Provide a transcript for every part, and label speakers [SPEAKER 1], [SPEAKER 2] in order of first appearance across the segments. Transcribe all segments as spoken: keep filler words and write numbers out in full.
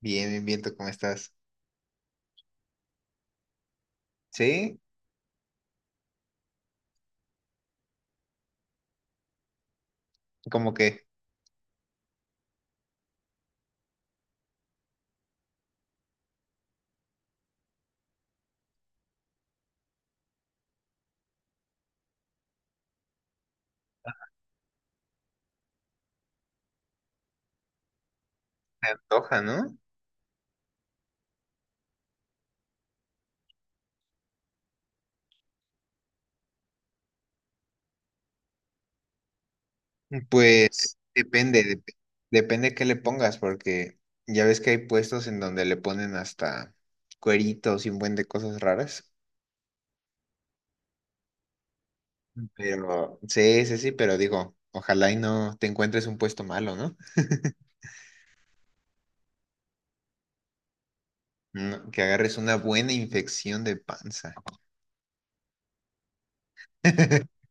[SPEAKER 1] Bien, bien, bien, ¿tú cómo estás? Sí, como que se antoja, ¿no? Pues depende, dep- depende qué le pongas, porque ya ves que hay puestos en donde le ponen hasta cueritos y un buen de cosas raras. Pero sí, sí, sí, pero digo, ojalá y no te encuentres un puesto malo, ¿no? No, que agarres una buena infección de panza.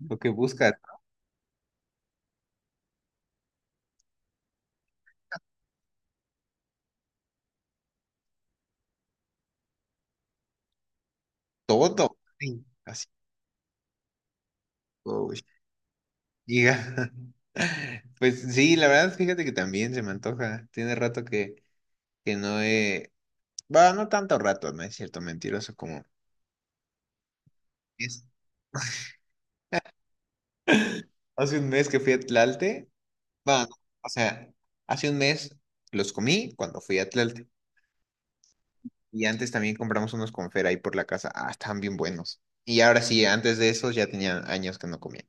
[SPEAKER 1] Lo que busca todo. Ay, así, Giga. Pues sí, la verdad, fíjate que también se me antoja. Tiene rato que, que no he. Va, no tanto rato, no es cierto, mentiroso, como es. Hace un mes que fui a Tlalte. Va, no, o sea, hace un mes los comí cuando fui a Tlalte. Y antes también compramos unos confer ahí por la casa. Ah, estaban bien buenos. Y ahora sí, antes de esos ya tenía años que no comía.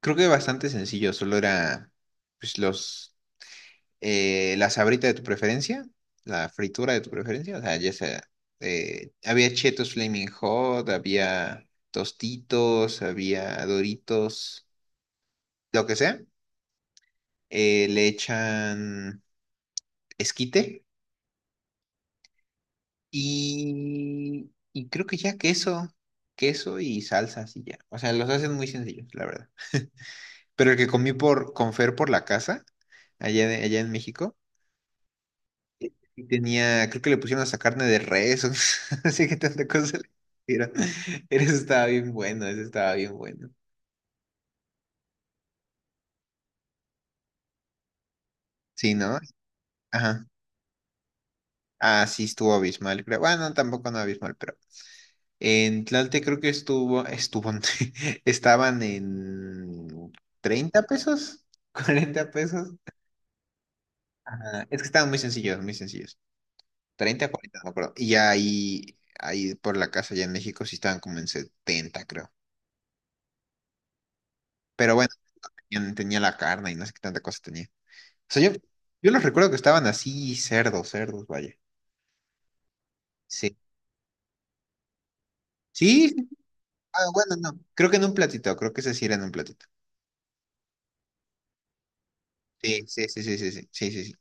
[SPEAKER 1] Creo que bastante sencillo, solo era pues los eh, la sabrita de tu preferencia, la fritura de tu preferencia, o sea, ya sea, eh, había Cheetos Flaming Hot, había Tostitos, había Doritos, lo que sea, eh, le echan esquite y, y creo que ya queso, queso y salsas y ya, o sea, los hacen muy sencillos, la verdad. Pero el que comí por, con Fer por la casa, allá, de- allá en México, y tenía, creo que le pusieron hasta carne de res, o así que tanta cosa le pusieron. Eso estaba bien bueno, eso estaba bien bueno. Sí, ¿no? Ajá. Ah, sí, estuvo abismal, creo. Bueno, tampoco no abismal, pero en Tlalte creo que estuvo, estuvo, estaban en treinta pesos, cuarenta pesos. Ajá. Es que estaban muy sencillos, muy sencillos. treinta, cuarenta no me acuerdo. Y ya ahí, ahí por la casa, allá en México, sí estaban como en setenta creo. Pero bueno, tenían- tenía la carne y no sé qué tanta cosa tenía. Sea, yo, yo los recuerdo que estaban así, cerdos, cerdos, vaya. Sí. Sí. Sí. Ah, bueno, no. Creo que en un platito, creo que ese sí era en un platito. Sí, sí, sí, sí, sí, sí, sí, sí. Sí.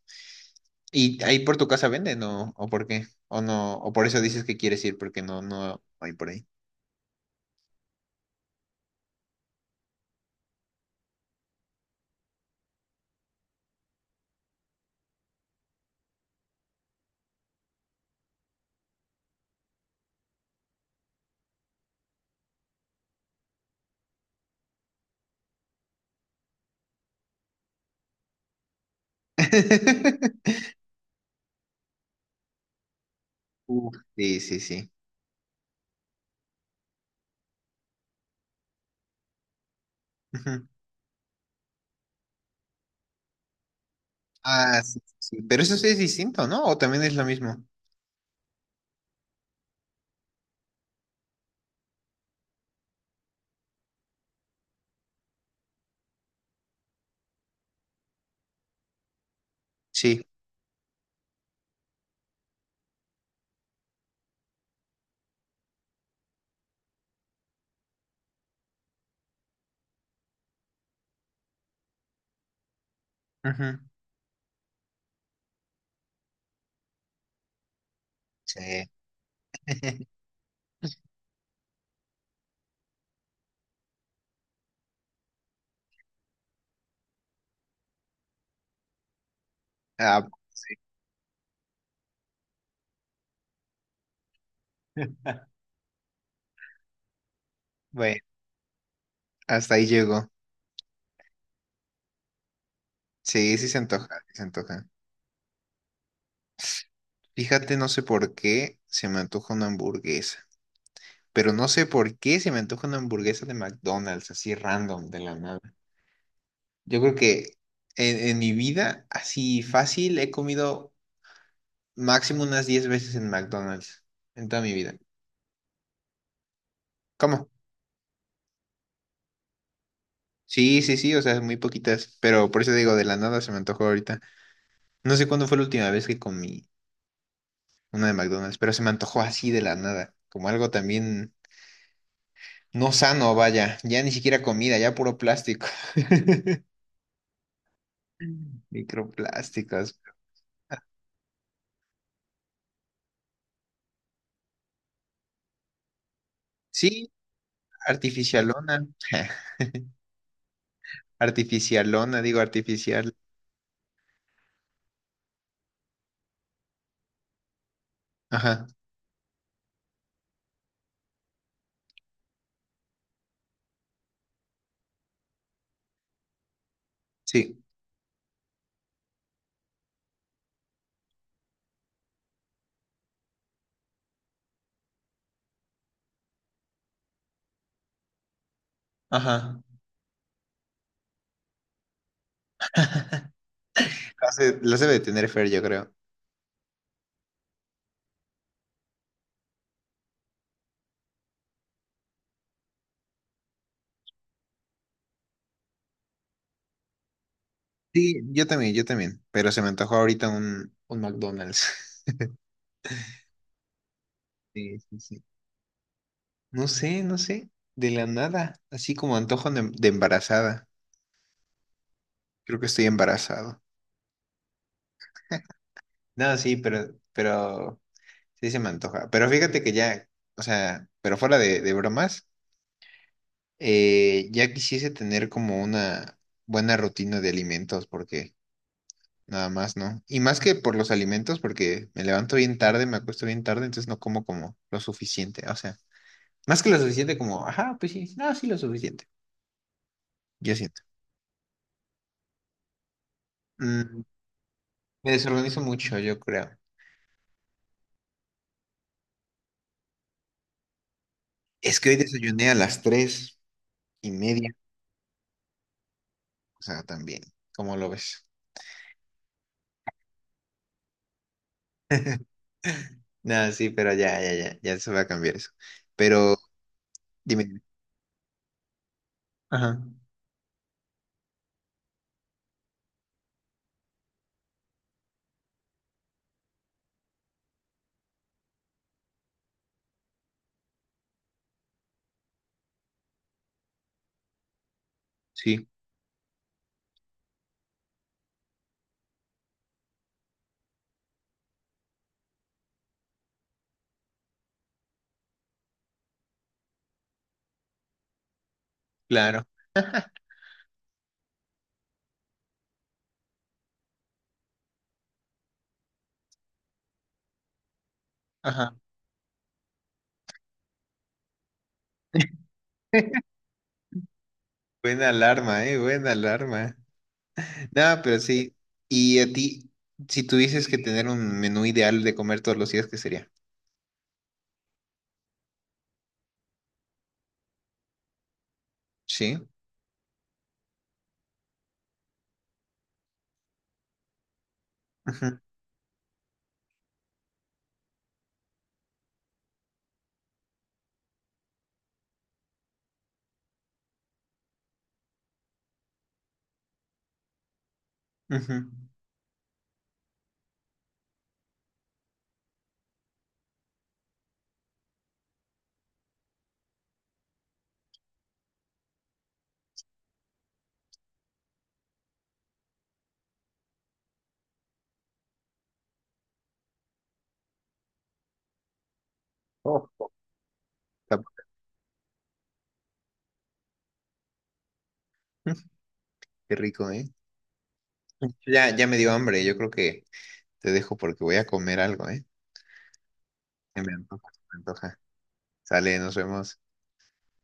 [SPEAKER 1] ¿Y ahí por tu casa venden o, o por qué? O no, o por eso dices que quieres ir porque no, no hay por ahí. Uf, sí, sí, sí. Ujú. Ah, sí, sí, sí. Pero eso sí es distinto, ¿no? ¿O también es lo mismo? Sí. Ujú. Sí. Ah, bueno, hasta ahí llegó. Sí, sí se antoja, sí se antoja. Fíjate, no sé por qué se me antoja una hamburguesa, pero no sé por qué se me antoja una hamburguesa de McDonald's, así random, de la nada. Yo creo que en, en mi vida, así fácil, he comido máximo unas diez veces en McDonald's, en toda mi vida. ¿Cómo? Sí, sí, sí, o sea, muy poquitas, pero por eso digo, de la nada se me antojó ahorita. No sé cuándo fue la última vez que comí una de McDonald's, pero se me antojó así de la nada, como algo también no sano, vaya, ya ni siquiera comida, ya puro plástico. Microplásticos. Sí, artificialona. Artificialona, digo artificial. Ajá, sí, ajá. Las de- las debe de tener Fer, yo creo. Sí, yo también, yo también. Pero se me antojó ahorita un, un McDonald's. Sí, sí, sí. No sé, no sé. De la nada. Así como antojo de, de embarazada. Creo que estoy embarazado. No, sí, pero, pero sí se me antoja. Pero fíjate que ya, o sea, pero fuera de, de bromas. Eh, ya quisiese tener como una buena rutina de alimentos, porque nada más, ¿no? Y más que por los alimentos, porque me levanto bien tarde, me acuesto bien tarde, entonces no como como lo suficiente. O sea, más que lo suficiente como, ajá, pues sí, no, sí lo suficiente. Yo siento. Mm, me desorganizo mucho, yo creo. Es que hoy desayuné a las tres y media, o sea, también, ¿cómo lo ves? No, sí, pero ya, ya, ya, ya se va a cambiar eso. Pero dime. Ajá, sí, claro. Ajá. Buena alarma, eh, buena alarma. No, pero sí. Y a ti, si tuvieses que tener un menú ideal de comer todos los días, ¿qué sería? Sí. Ujú, ujú. Ojo. Está- ujú. Qué rico, ¿eh? Ya, ya me dio hambre. Yo creo que te dejo porque voy a comer algo, ¿eh? Me antoja, me antoja. Sale, nos vemos.